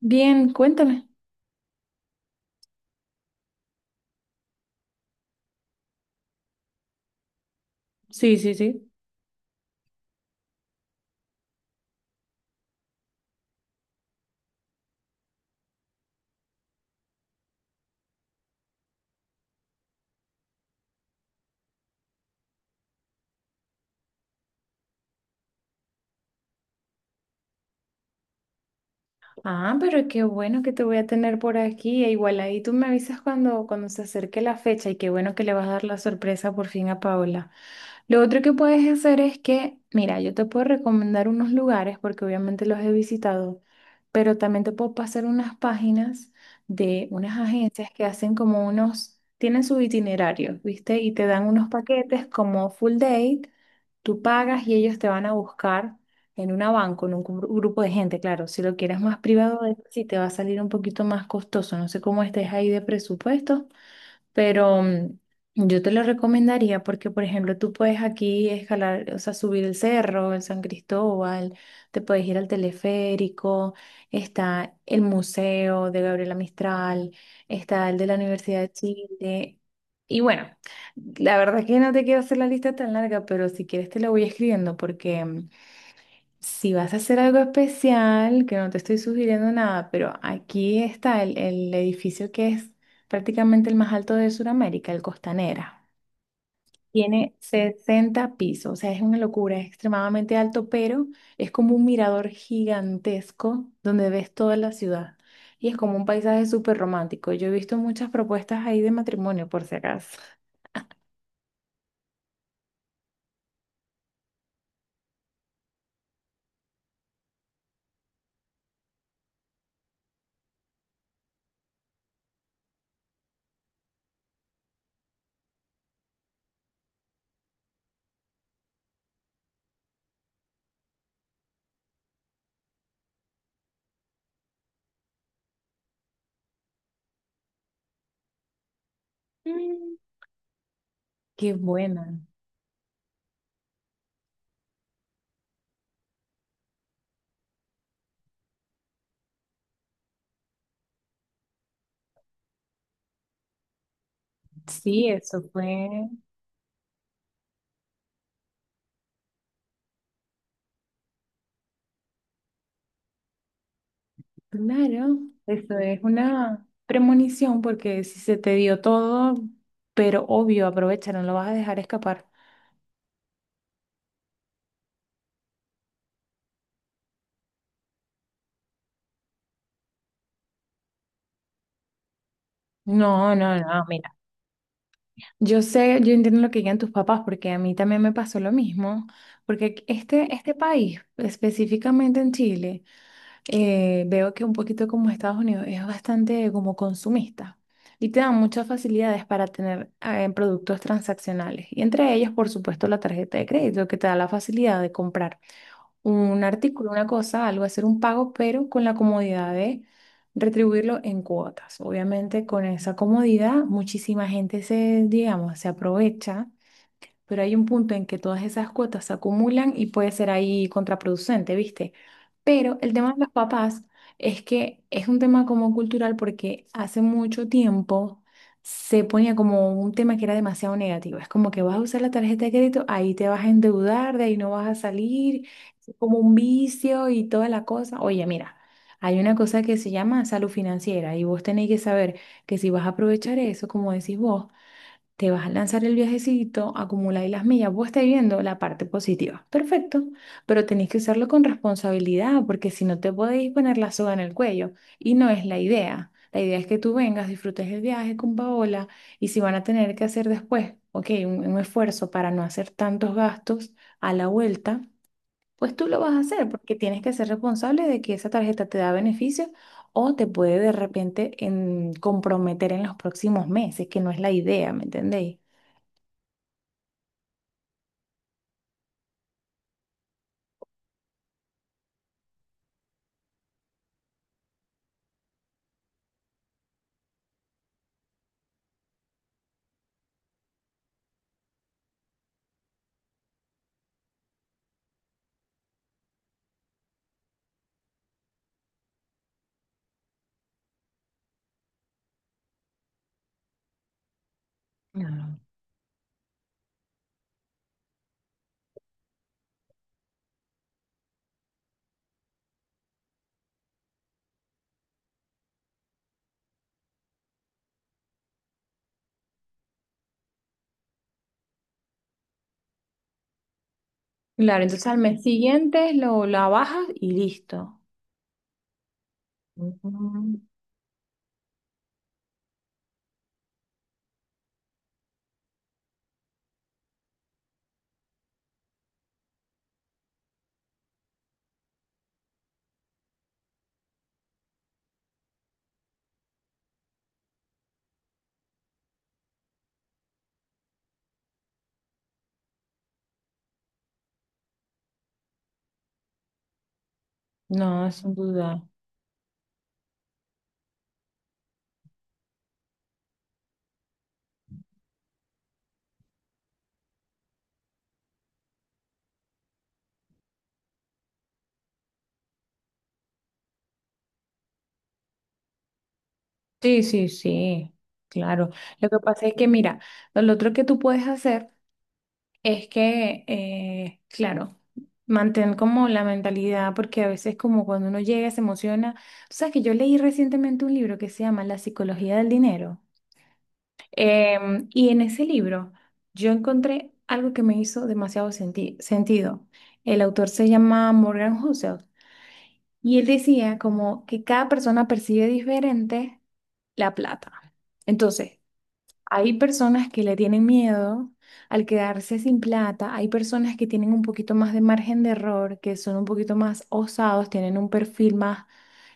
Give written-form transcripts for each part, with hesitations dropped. Bien, cuéntame. Sí, sí, sí. Ah, pero qué bueno que te voy a tener por aquí. Igual ahí tú me avisas cuando se acerque la fecha y qué bueno que le vas a dar la sorpresa por fin a Paola. Lo otro que puedes hacer es que, mira, yo te puedo recomendar unos lugares porque obviamente los he visitado, pero también te puedo pasar unas páginas de unas agencias que hacen como unos, tienen su itinerario, ¿viste? Y te dan unos paquetes como full date, tú pagas y ellos te van a buscar. En una van con un grupo de gente, claro. Si lo quieres más privado, sí te va a salir un poquito más costoso. No sé cómo estés ahí de presupuesto, pero yo te lo recomendaría porque, por ejemplo, tú puedes aquí escalar, o sea, subir el cerro, el San Cristóbal, te puedes ir al teleférico, está el museo de Gabriela Mistral, está el de la Universidad de Chile. Y bueno, la verdad es que no te quiero hacer la lista tan larga, pero si quieres te la voy escribiendo porque si vas a hacer algo especial, que no te estoy sugiriendo nada, pero aquí está el edificio que es prácticamente el más alto de Sudamérica, el Costanera. Tiene 60 pisos, o sea, es una locura, es extremadamente alto, pero es como un mirador gigantesco donde ves toda la ciudad. Y es como un paisaje súper romántico. Yo he visto muchas propuestas ahí de matrimonio, por si acaso. Mm. Qué buena. Sí, eso fue. Claro, eso es una premonición porque si se te dio todo, pero obvio, aprovecha, no lo vas a dejar escapar. No, no, no, mira, yo sé, yo entiendo lo que digan tus papás porque a mí también me pasó lo mismo, porque este país, específicamente en Chile, veo que un poquito como Estados Unidos es bastante como consumista y te dan muchas facilidades para tener productos transaccionales y entre ellos, por supuesto, la tarjeta de crédito que te da la facilidad de comprar un artículo, una cosa, algo, hacer un pago, pero con la comodidad de retribuirlo en cuotas. Obviamente con esa comodidad muchísima gente se, digamos, se aprovecha, pero hay un punto en que todas esas cuotas se acumulan y puede ser ahí contraproducente, ¿viste? Pero el tema de los papás es que es un tema como cultural porque hace mucho tiempo se ponía como un tema que era demasiado negativo. Es como que vas a usar la tarjeta de crédito, ahí te vas a endeudar, de ahí no vas a salir, es como un vicio y toda la cosa. Oye, mira. Hay una cosa que se llama salud financiera y vos tenés que saber que si vas a aprovechar eso, como decís vos, te vas a lanzar el viajecito, acumula acumuláis las millas, vos estáis viendo la parte positiva. Perfecto, pero tenéis que usarlo con responsabilidad porque si no te podéis poner la soga en el cuello y no es la idea. La idea es que tú vengas, disfrutes el viaje con Paola y si van a tener que hacer después, ok, un esfuerzo para no hacer tantos gastos a la vuelta, pues tú lo vas a hacer porque tienes que ser responsable de que esa tarjeta te da beneficios o te puede de repente comprometer en los próximos meses, que no es la idea, ¿me entendéis? Claro. Claro, entonces al mes siguiente lo, la bajas y listo. Mm. No, sin duda. Sí, sí, sí, claro. Lo que pasa es que, mira, lo otro que tú puedes hacer es que, claro, mantén como la mentalidad, porque a veces como cuando uno llega se emociona. Tú sabes que yo leí recientemente un libro que se llama La psicología del dinero. Y en ese libro yo encontré algo que me hizo demasiado sentido. El autor se llama Morgan Housel y él decía como que cada persona percibe diferente la plata. Entonces, hay personas que le tienen miedo al quedarse sin plata, hay personas que tienen un poquito más de margen de error, que son un poquito más osados, tienen un perfil más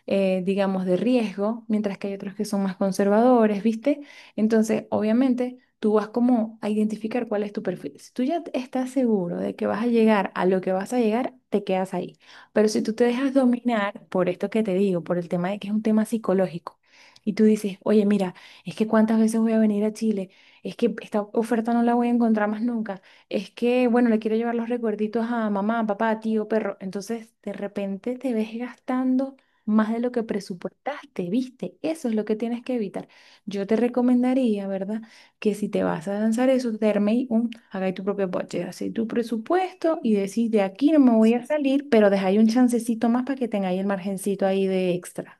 digamos, de riesgo, mientras que hay otros que son más conservadores, ¿viste? Entonces, obviamente, tú vas como a identificar cuál es tu perfil. Si tú ya estás seguro de que vas a llegar a lo que vas a llegar, te quedas ahí. Pero si tú te dejas dominar por esto que te digo, por el tema de que es un tema psicológico, y tú dices, oye, mira, es que cuántas veces voy a venir a Chile, es que esta oferta no la voy a encontrar más nunca, es que, bueno, le quiero llevar los recuerditos a mamá, papá, tío, perro, entonces de repente te ves gastando más de lo que presupuestaste, ¿viste? Eso es lo que tienes que evitar. Yo te recomendaría, ¿verdad? Que si te vas a lanzar eso, te arméis un, hagáis tu propio budget, hacéis tu presupuesto y decís, de aquí no me voy a salir, pero dejáis un chancecito más para que tengáis el margencito ahí de extra,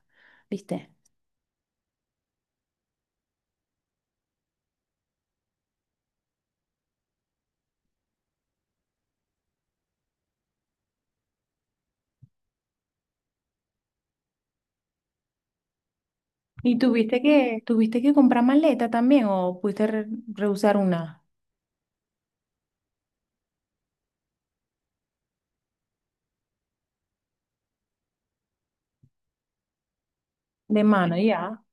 ¿viste? ¿Y tuviste que comprar maleta también o pudiste rehusar una de mano ya?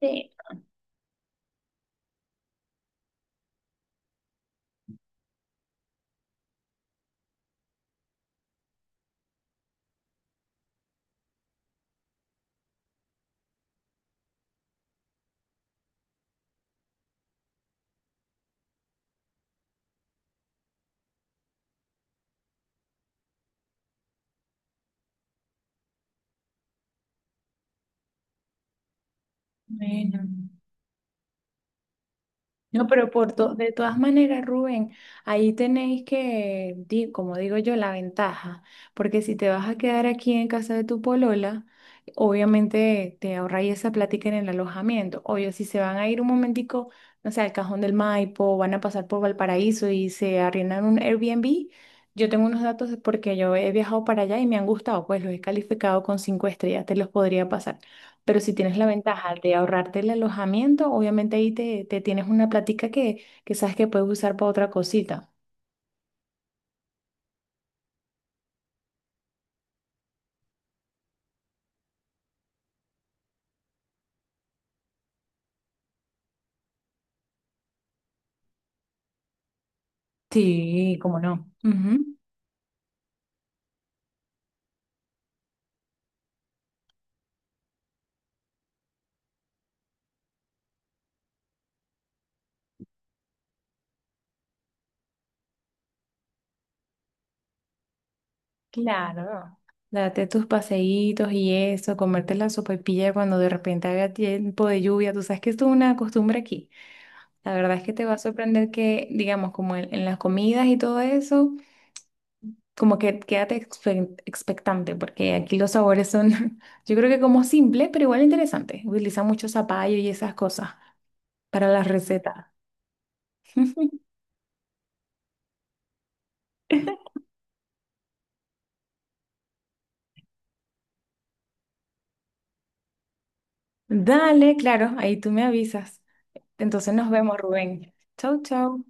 Sí. Bueno. No, pero por de todas maneras, Rubén, ahí tenéis que, como digo yo, la ventaja, porque si te vas a quedar aquí en casa de tu polola, obviamente te ahorráis esa plática en el alojamiento. Obvio, si se van a ir un momentico, no sé, al Cajón del Maipo, van a pasar por Valparaíso y se arriendan un Airbnb, yo tengo unos datos porque yo he viajado para allá y me han gustado, pues los he calificado con cinco estrellas, te los podría pasar. Pero si tienes la ventaja de ahorrarte el alojamiento, obviamente ahí te tienes una platica que sabes que puedes usar para otra cosita. Sí, cómo no. Ujú. Claro. Date tus paseitos y eso, comerte la sopaipilla cuando de repente haga tiempo de lluvia. Tú sabes que esto es una costumbre aquí. La verdad es que te va a sorprender que, digamos, como en las comidas y todo eso. Como que quédate expectante, porque aquí los sabores son, yo creo que como simple, pero igual interesante. Utilizan mucho zapallo y esas cosas para las recetas. Dale, claro, ahí tú me avisas. Entonces nos vemos, Rubén. Chau, chau.